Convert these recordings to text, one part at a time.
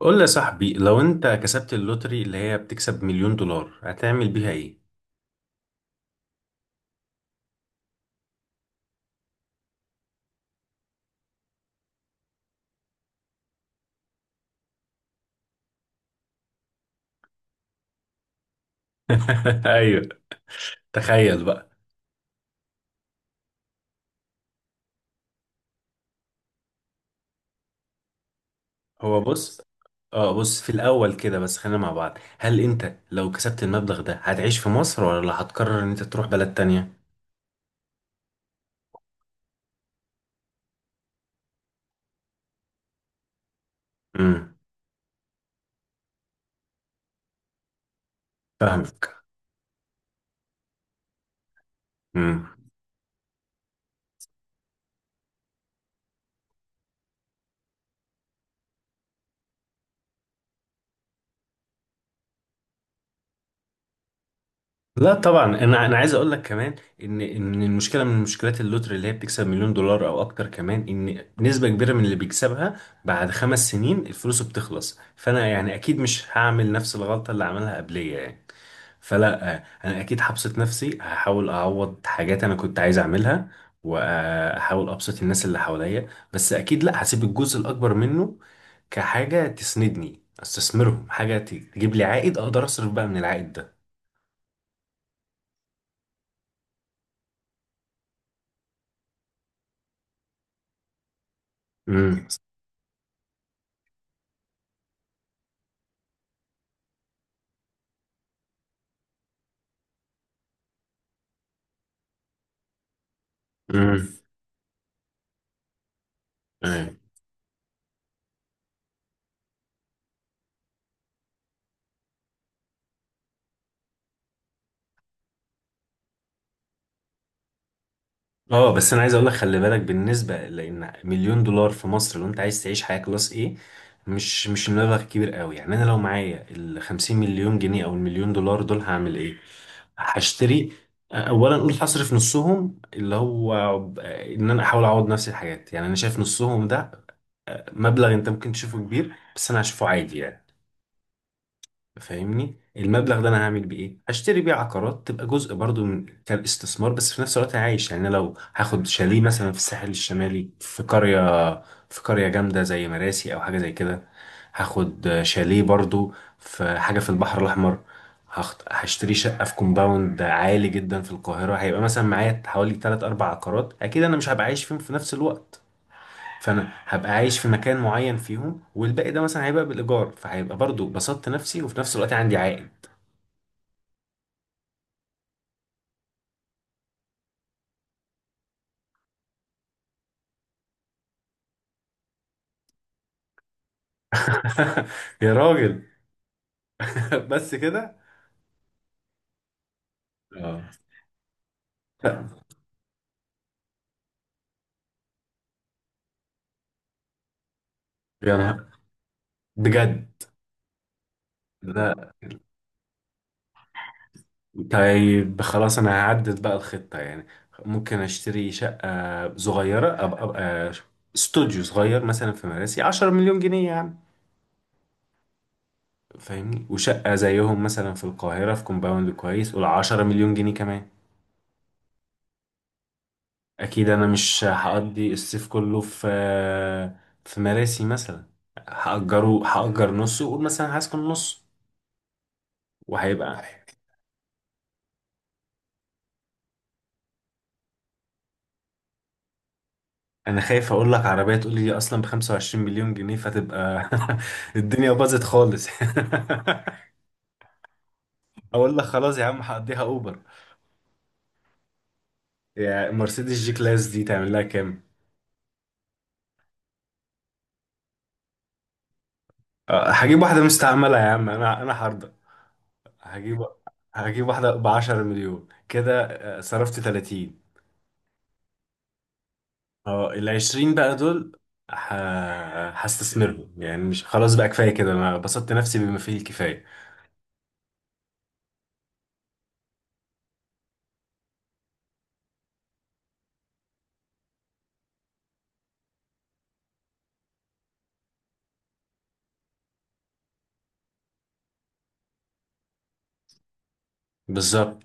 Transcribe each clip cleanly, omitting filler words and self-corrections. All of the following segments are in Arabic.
قول لي يا صاحبي، لو انت كسبت اللوتري اللي هي بتكسب مليون دولار هتعمل بيها ايه؟ ايوه. تخيل بقى. هو بص، اه بص في الاول كده بس، خلينا مع بعض. هل انت لو كسبت المبلغ ده هتعيش في مصر ولا هتقرر ان انت تروح بلد تانية؟ امم. فاهمك. امم. لا طبعا، انا عايز اقول لك كمان ان المشكله من مشكلات اللوتري اللي هي بتكسب مليون دولار او اكتر، كمان ان نسبه كبيره من اللي بيكسبها بعد 5 سنين الفلوس بتخلص. فانا يعني اكيد مش هعمل نفس الغلطه اللي عملها قبليه يعني. فلا، انا اكيد هبسط نفسي، هحاول اعوض حاجات انا كنت عايز اعملها، واحاول ابسط الناس اللي حواليا. بس اكيد لا، هسيب الجزء الاكبر منه كحاجه تسندني، استثمرهم حاجه تجيب لي عائد اقدر اصرف بقى من العائد ده. امم. تمام. اه بس انا عايز اقول لك خلي بالك، بالنسبه لان مليون دولار في مصر لو انت عايز تعيش حياه كلاس ايه، مش المبلغ كبير قوي يعني. انا لو معايا ال 50 مليون جنيه او المليون دولار دول هعمل ايه؟ هشتري. اولا اقول هصرف نصهم، اللي هو ان انا احاول اعوض نفس الحاجات. يعني انا شايف نصهم ده مبلغ انت ممكن تشوفه كبير بس انا هشوفه عادي يعني. فاهمني، المبلغ ده انا هعمل بيه ايه؟ هشتري بيه عقارات تبقى جزء برضو من كاستثمار، بس في نفس الوقت أنا عايش. يعني أنا لو هاخد شاليه مثلا في الساحل الشمالي في قرية، في قرية جامدة زي مراسي او حاجة زي كده، هاخد شاليه برضو في حاجة في البحر الاحمر. هشتري شقة في كومباوند عالي جدا في القاهرة. هيبقى مثلا معايا حوالي 3 4 عقارات. اكيد انا مش هبقى عايش فيهم في نفس الوقت. فانا هبقى عايش في مكان معين فيهم، والباقي ده مثلا هيبقى بالايجار، فهيبقى برضو بسطت نفسي وفي نفس الوقت عندي عائد. يا راجل. بس كده. اه لا. يا نهار، بجد. لا. طيب خلاص، انا هعدل بقى الخطة يعني. ممكن اشتري شقة صغيرة، ابقى استوديو صغير مثلا في مراسي، 10 مليون جنيه يعني. فاهمني. وشقة زيهم مثلا في القاهرة في كومباوند كويس، قول 10 مليون جنيه كمان. اكيد انا مش هقضي الصيف كله في، في مراسي مثلا. هأجره، هأجر نصه وأقول مثلا هسكن نص، وهيبقى. انا خايف اقول لك عربية تقول لي دي اصلا ب 25 مليون جنيه، فتبقى الدنيا باظت خالص. اقول لك خلاص يا عم، هقضيها اوبر. يعني مرسيدس جي كلاس دي تعمل لها كام؟ هجيب واحدة مستعملة يا عم، انا هرضى. هجيب هجيب واحدة ب 10 مليون كده. صرفت 30. اه العشرين بقى دول، ه... هستثمرهم. يعني مش خلاص بقى، كفاية كده، انا بسطت نفسي بما فيه الكفاية. بالظبط.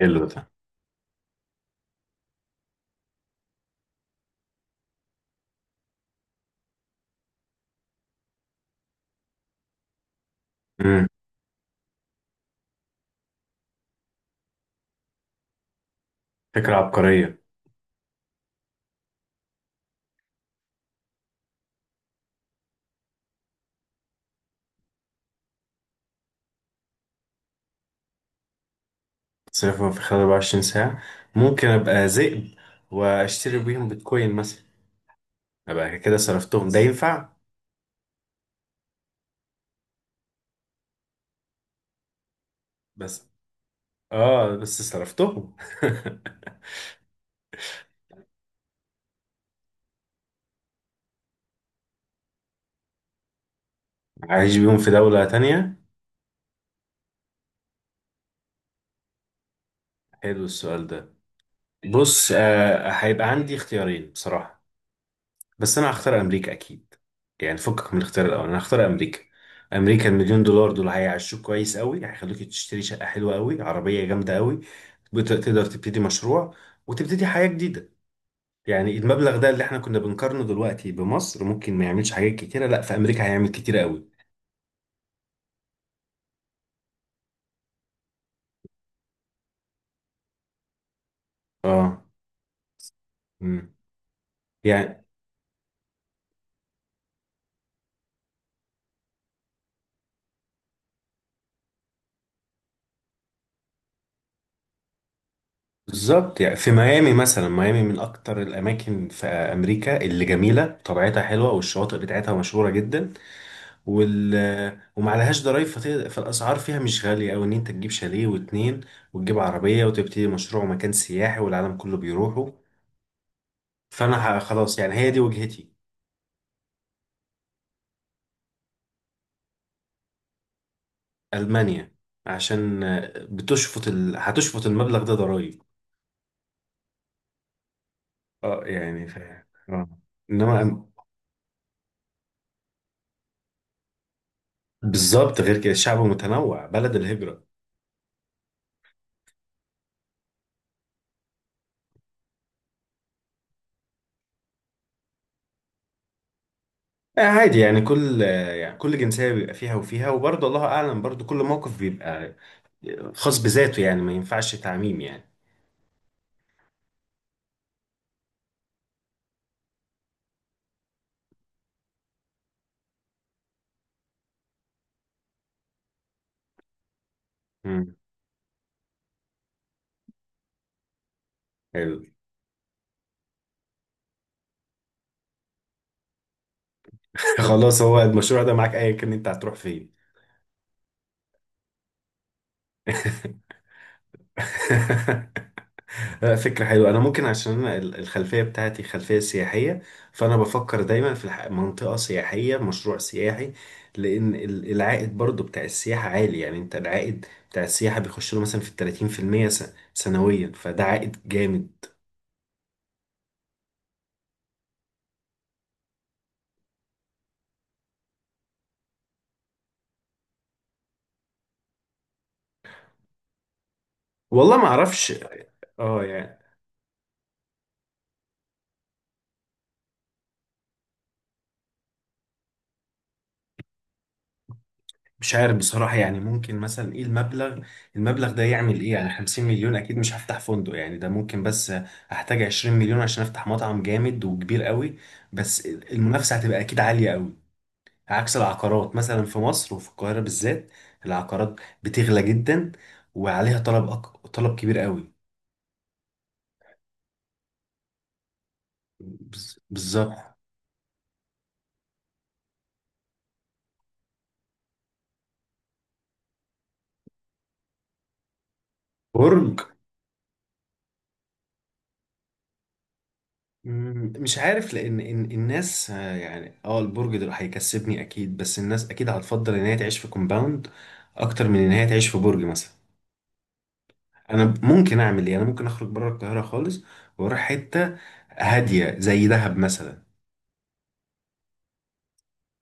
حلو ده. امم. فكرة عبقرية. تصرفهم في خلال 24 ساعة؟ ممكن ابقى ذئب واشتري بيهم بيتكوين مثلا. ابقى كده صرفتهم. ده ينفع؟ بس اه، بس صرفتهم. عايش بيهم في دولة تانية. حلو السؤال ده. بص، آه، هيبقى عندي اختيارين بصراحة. بس انا هختار امريكا اكيد. يعني فكك من الاختيار الاول، انا هختار امريكا. امريكا المليون دولار دول هيعيشوك كويس قوي، هيخلوك تشتري شقه حلوه قوي، عربيه جامده قوي. تقدر تبتدي مشروع وتبتدي حياه جديده. يعني المبلغ ده اللي احنا كنا بنقارنه دلوقتي بمصر ممكن ما يعملش حاجات كتيره، لا في امريكا هيعمل كتيره قوي. اه. امم. يعني بالظبط. يعني في ميامي مثلا، ميامي من اكتر الاماكن في امريكا اللي جميله طبيعتها حلوه والشواطئ بتاعتها مشهوره جدا. وال وما عليهاش ضرايب، فالاسعار فيها مش غاليه، او ان انت تجيب شاليه واتنين، وتجيب عربيه وتبتدي مشروع مكان سياحي والعالم كله بيروحوا. فانا خلاص يعني، هي دي وجهتي. المانيا عشان هتشفط المبلغ ده ضرايب. اه يعني آه. انما بالظبط، غير كده الشعب متنوع، بلد الهجره. آه عادي يعني، كل يعني كل جنسيه بيبقى فيها وفيها، وبرضه الله اعلم، برضه كل موقف بيبقى خاص بذاته، يعني ما ينفعش تعميم يعني. مم. حلو. خلاص، هو المشروع ده معاك ايا كان انت هتروح فين. لا، فكرة حلوة. أنا ممكن، عشان أنا الخلفية بتاعتي خلفية سياحية، فأنا بفكر دايما في منطقة سياحية، مشروع سياحي، لأن العائد برضو بتاع السياحة عالي. يعني أنت العائد بتاع السياحة بيخش له مثلا في 30% سنويا، فده عائد جامد. والله ما أعرفش. اه يعني مش عارف بصراحة. يعني ممكن مثلا ايه المبلغ، المبلغ ده يعمل ايه؟ يعني 50 مليون اكيد مش هفتح فندق يعني، ده ممكن بس احتاج 20 مليون عشان افتح مطعم جامد وكبير قوي. بس المنافسة هتبقى اكيد عالية قوي، عكس العقارات مثلا في مصر وفي القاهرة بالذات. العقارات بتغلى جدا، وعليها طلب طلب كبير قوي. بالظبط. برج. مش عارف، لان إن الناس البرج ده هيكسبني اكيد، بس الناس اكيد هتفضل ان هي تعيش في كومباوند اكتر من ان هي تعيش في برج مثلا. انا ممكن اعمل ايه، انا ممكن اخرج بره القاهره خالص واروح حته هاديه زي دهب مثلا.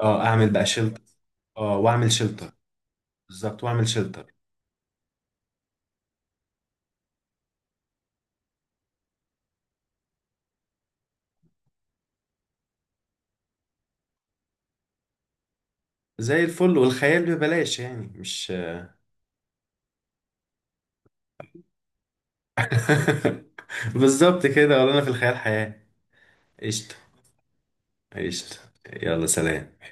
اه اعمل بقى شلتر. اه واعمل شلتر. بالظبط واعمل شلتر. زي الفل، والخيال ببلاش يعني مش. بالظبط كده، ولا انا في الخيال حياه. قشطه. قشطه. يلا سلام.